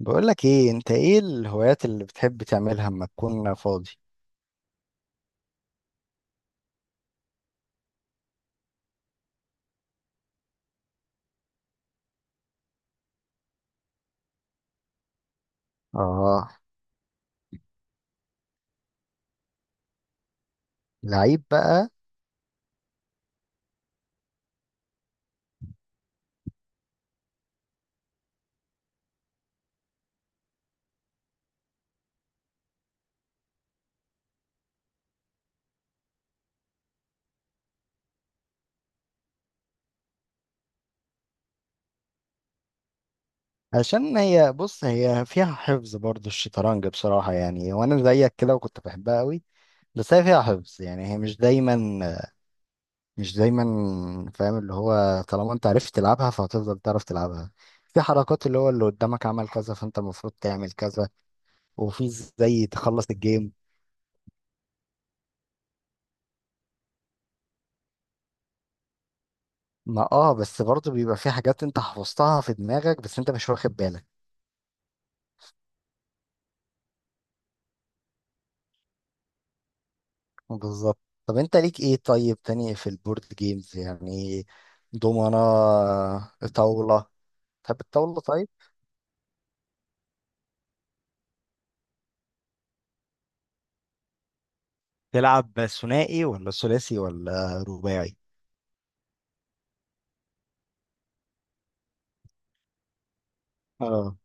بقولك ايه؟ انت ايه الهوايات اللي بتحب تعملها اما تكون فاضي؟ اه، لعيب بقى. عشان هي، بص، هي فيها حفظ برضو الشطرنج بصراحة، يعني وانا زيك كده وكنت بحبها قوي. بس هي فيها حفظ يعني، هي مش دايما، فاهم؟ اللي هو طالما انت عرفت تلعبها فهتفضل تعرف تلعبها. في حركات اللي هو اللي قدامك عمل كذا فانت المفروض تعمل كذا. وفي زي تخلص الجيم. ما اه بس برضو بيبقى في حاجات انت حفظتها في دماغك بس انت مش واخد بالك. بالظبط. طب انت ليك ايه طيب تاني في البورد جيمز يعني؟ دومنة؟ طاولة؟ تحب الطاولة طيب؟ تلعب ثنائي ولا ثلاثي ولا رباعي؟ اه.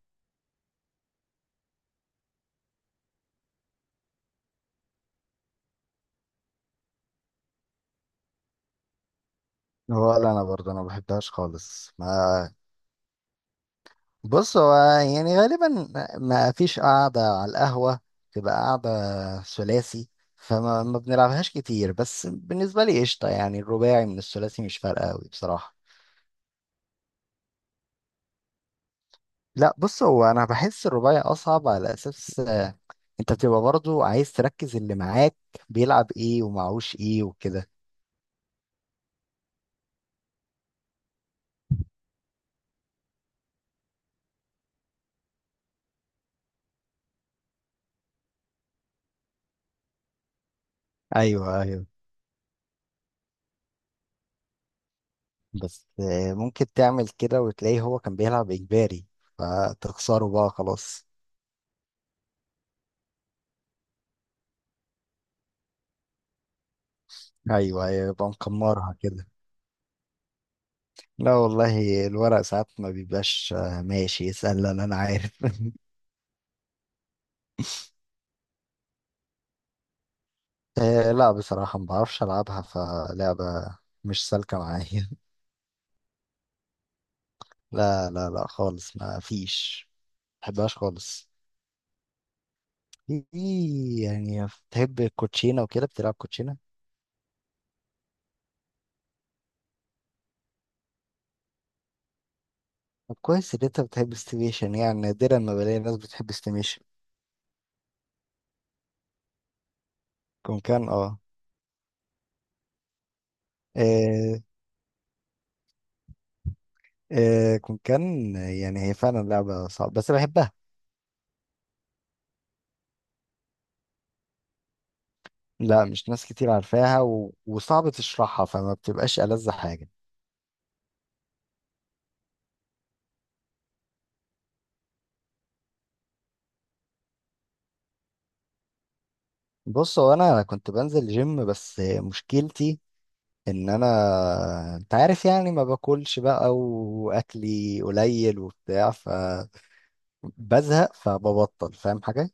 ولا انا برضه، انا ما بحبهاش خالص. ما بص، هو يعني غالبا ما فيش قاعدة على القهوة تبقى قاعدة ثلاثي، فما ما بنلعبهاش كتير. بس بالنسبة لي قشطة يعني، الرباعي من الثلاثي مش فارقة قوي بصراحة. لا، بص، هو انا بحس الرباعي اصعب، على اساس انت بتبقى برضو عايز تركز اللي معاك بيلعب ايه ومعهوش ايه وكده. ايوه ايوه. بس ممكن تعمل كده وتلاقيه هو كان بيلعب اجباري فتخسره بقى خلاص. ايوه ايوه، يبقى مكمرها كده. لا والله الورق ساعات ما بيبقاش ماشي. اسألني انا، أنا عارف. لا بصراحة ما بعرفش العبها، فلعبة مش سالكة معايا. لا لا لا خالص، ما فيش، ما بحبهاش خالص. في، يعني بتحب الكوتشينة وكده؟ بتلعب كوتشينة؟ طب كويس ان انت بتحب استيميشن، يعني نادرا ما بلاقي ناس بتحب استيميشن. كون كان، اه. آه، كون كان، يعني هي فعلا لعبة صعبة بس بحبها. لا، مش ناس كتير عارفاها و وصعب تشرحها، فما بتبقاش ألذ حاجة. بص، هو انا كنت بنزل جيم بس مشكلتي ان انا، انت عارف يعني، ما باكلش بقى، واكلي قليل وبتاع، فبزهق فببطل، فاهم حاجة؟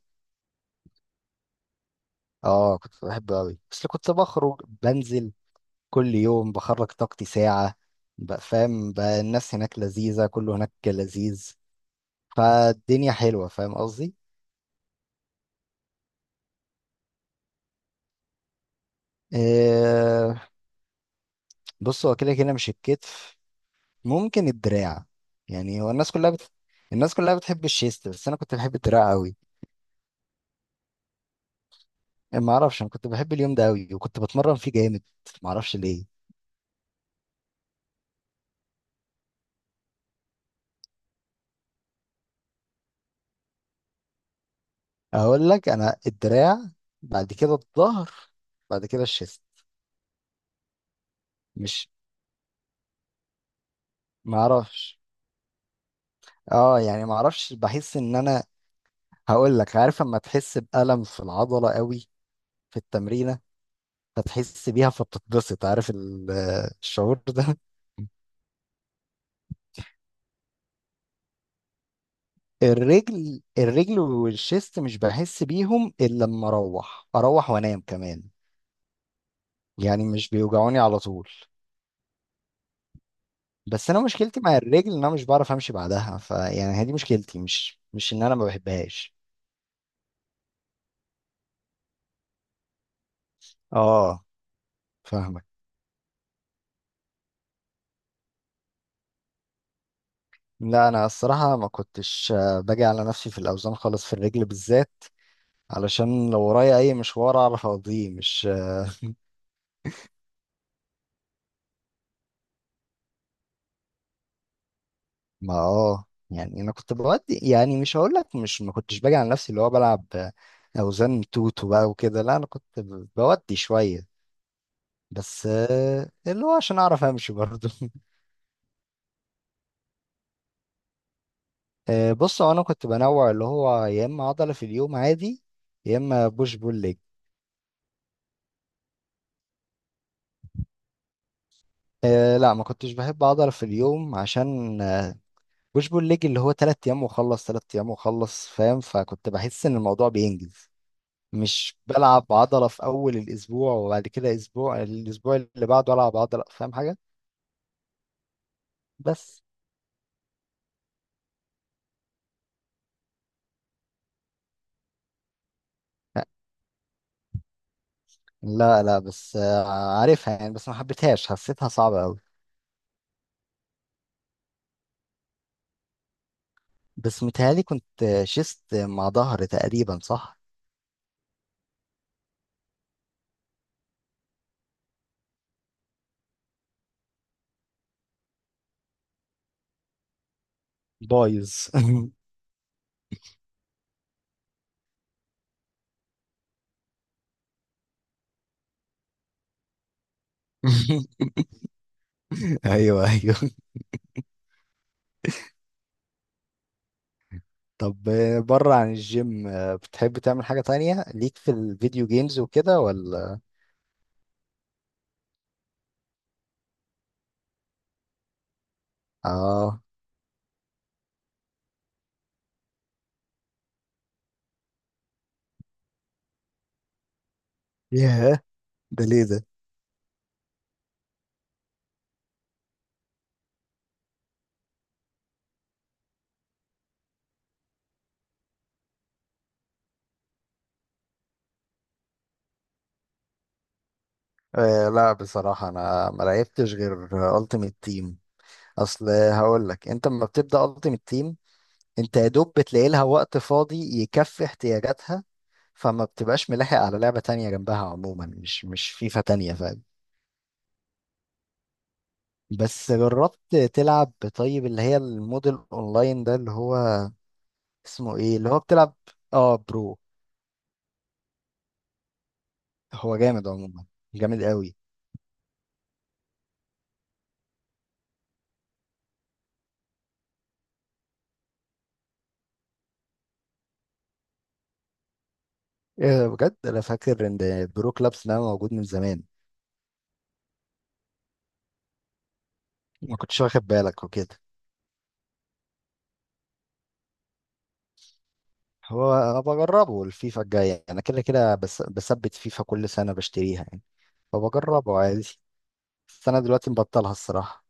اه كنت بحبه قوي، بس كنت بخرج بنزل كل يوم، بخرج طاقتي ساعة بقى، فاهم؟ بقى الناس هناك لذيذة، كله هناك لذيذ، فالدنيا حلوة، فاهم قصدي؟ آه. بص، هو كده كده مش الكتف، ممكن الدراع، يعني هو الناس كلها بت... الناس كلها بتحب الشيست بس انا كنت بحب الدراع قوي. ما اعرفش، انا كنت بحب اليوم ده قوي وكنت بتمرن فيه جامد، ما اعرفش ليه. اقول لك، انا الدراع، بعد كده الظهر، بعد كده الشيست. مش، ما اعرفش، اه، يعني ما اعرفش، بحس ان انا، هقول لك، عارف اما تحس بألم في العضلة قوي في التمرينة، فتحس بيها فبتتبسط، عارف ال- الشعور ده. الرجل، الرجل والشيست مش بحس بيهم الا لما اروح وانام كمان، يعني مش بيوجعوني على طول. بس انا مشكلتي مع الرجل ان انا مش بعرف امشي بعدها، فيعني هي دي مشكلتي، مش مش ان انا ما بحبهاش. اه فاهمك. لا انا الصراحه ما كنتش باجي على نفسي في الاوزان خالص في الرجل بالذات، علشان لو ورايا اي مشوار اعرف اقضيه. مش ما اه يعني، انا كنت بودي يعني، مش هقول لك مش، ما كنتش باجي على نفسي اللي هو بلعب اوزان توتو بقى وكده، لا انا كنت بودي شويه. بس اللي هو عشان اعرف امشي برضه. بص، هو انا كنت بنوع اللي هو، يا اما عضله في اليوم عادي، يا اما بوش بول ليج. أه لا، ما كنتش بحب عضله في اليوم، عشان بوش بول ليج اللي هو تلات ايام واخلص، تلات ايام واخلص، فاهم؟ فكنت بحس ان الموضوع بينجز، مش بلعب عضلة في أول الأسبوع وبعد كده أسبوع، الأسبوع اللي بعده ألعب عضلة، فاهم حاجة؟ بس لا لا بس آه، عارفها يعني، بس ما حبيتهاش، حسيتها صعبة أوي. بس متهيألي كنت شست مع ظهر تقريبا، صح؟ بايظ. أيوه أيوه. طب بره عن الجيم، بتحب تعمل حاجة تانية؟ ليك في الفيديو جيمز وكده ولا؟ آه. ياه، ده ليه ده؟ آه لا بصراحة أنا ما لعبتش غير ألتيميت تيم. اصل هقول لك، انت لما بتبدا التيمت تيم انت يا دوب بتلاقي لها وقت فاضي يكفي احتياجاتها، فما بتبقاش ملاحق على لعبه تانية جنبها، عموما مش مش فيفا تانية، فاهم؟ بس جربت تلعب طيب اللي هي الموديل اونلاين ده اللي هو اسمه ايه، اللي هو بتلعب؟ اه، برو. هو جامد عموما، جامد قوي. ايه ده، بجد؟ انا فاكر ان برو كلابس ده موجود من زمان. ما كنتش واخد بالك وكده. هو انا بجربه الفيفا الجاية، انا كده كده بس بثبت فيفا كل سنة بشتريها، فبجربه عادي. بس انا دلوقتي مبطلها الصراحه.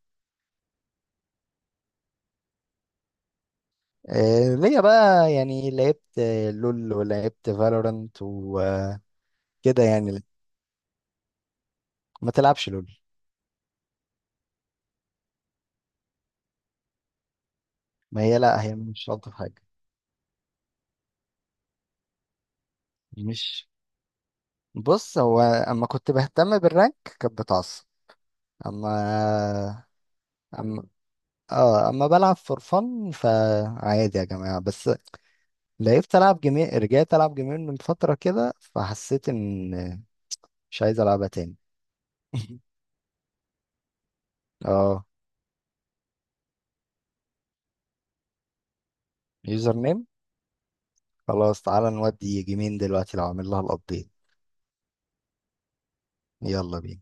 إيه ليا بقى؟ يعني لعبت لول ولعبت فالورانت وكده. يعني ما تلعبش لول؟ ما هي لا، هي مش الطف حاجه. مش، بص، هو اما كنت بهتم بالرانك كانت بتعصب. اما اما اه، اما بلعب فور فن فعادي يا جماعه. بس لعبت، العب جيمين، رجعت العب جيمين من فتره كده، فحسيت ان مش عايز العبها تاني. اه. يوزر نيم، خلاص تعالى نودي جيمين دلوقتي لو عامل لها الابديت. يلا بينا.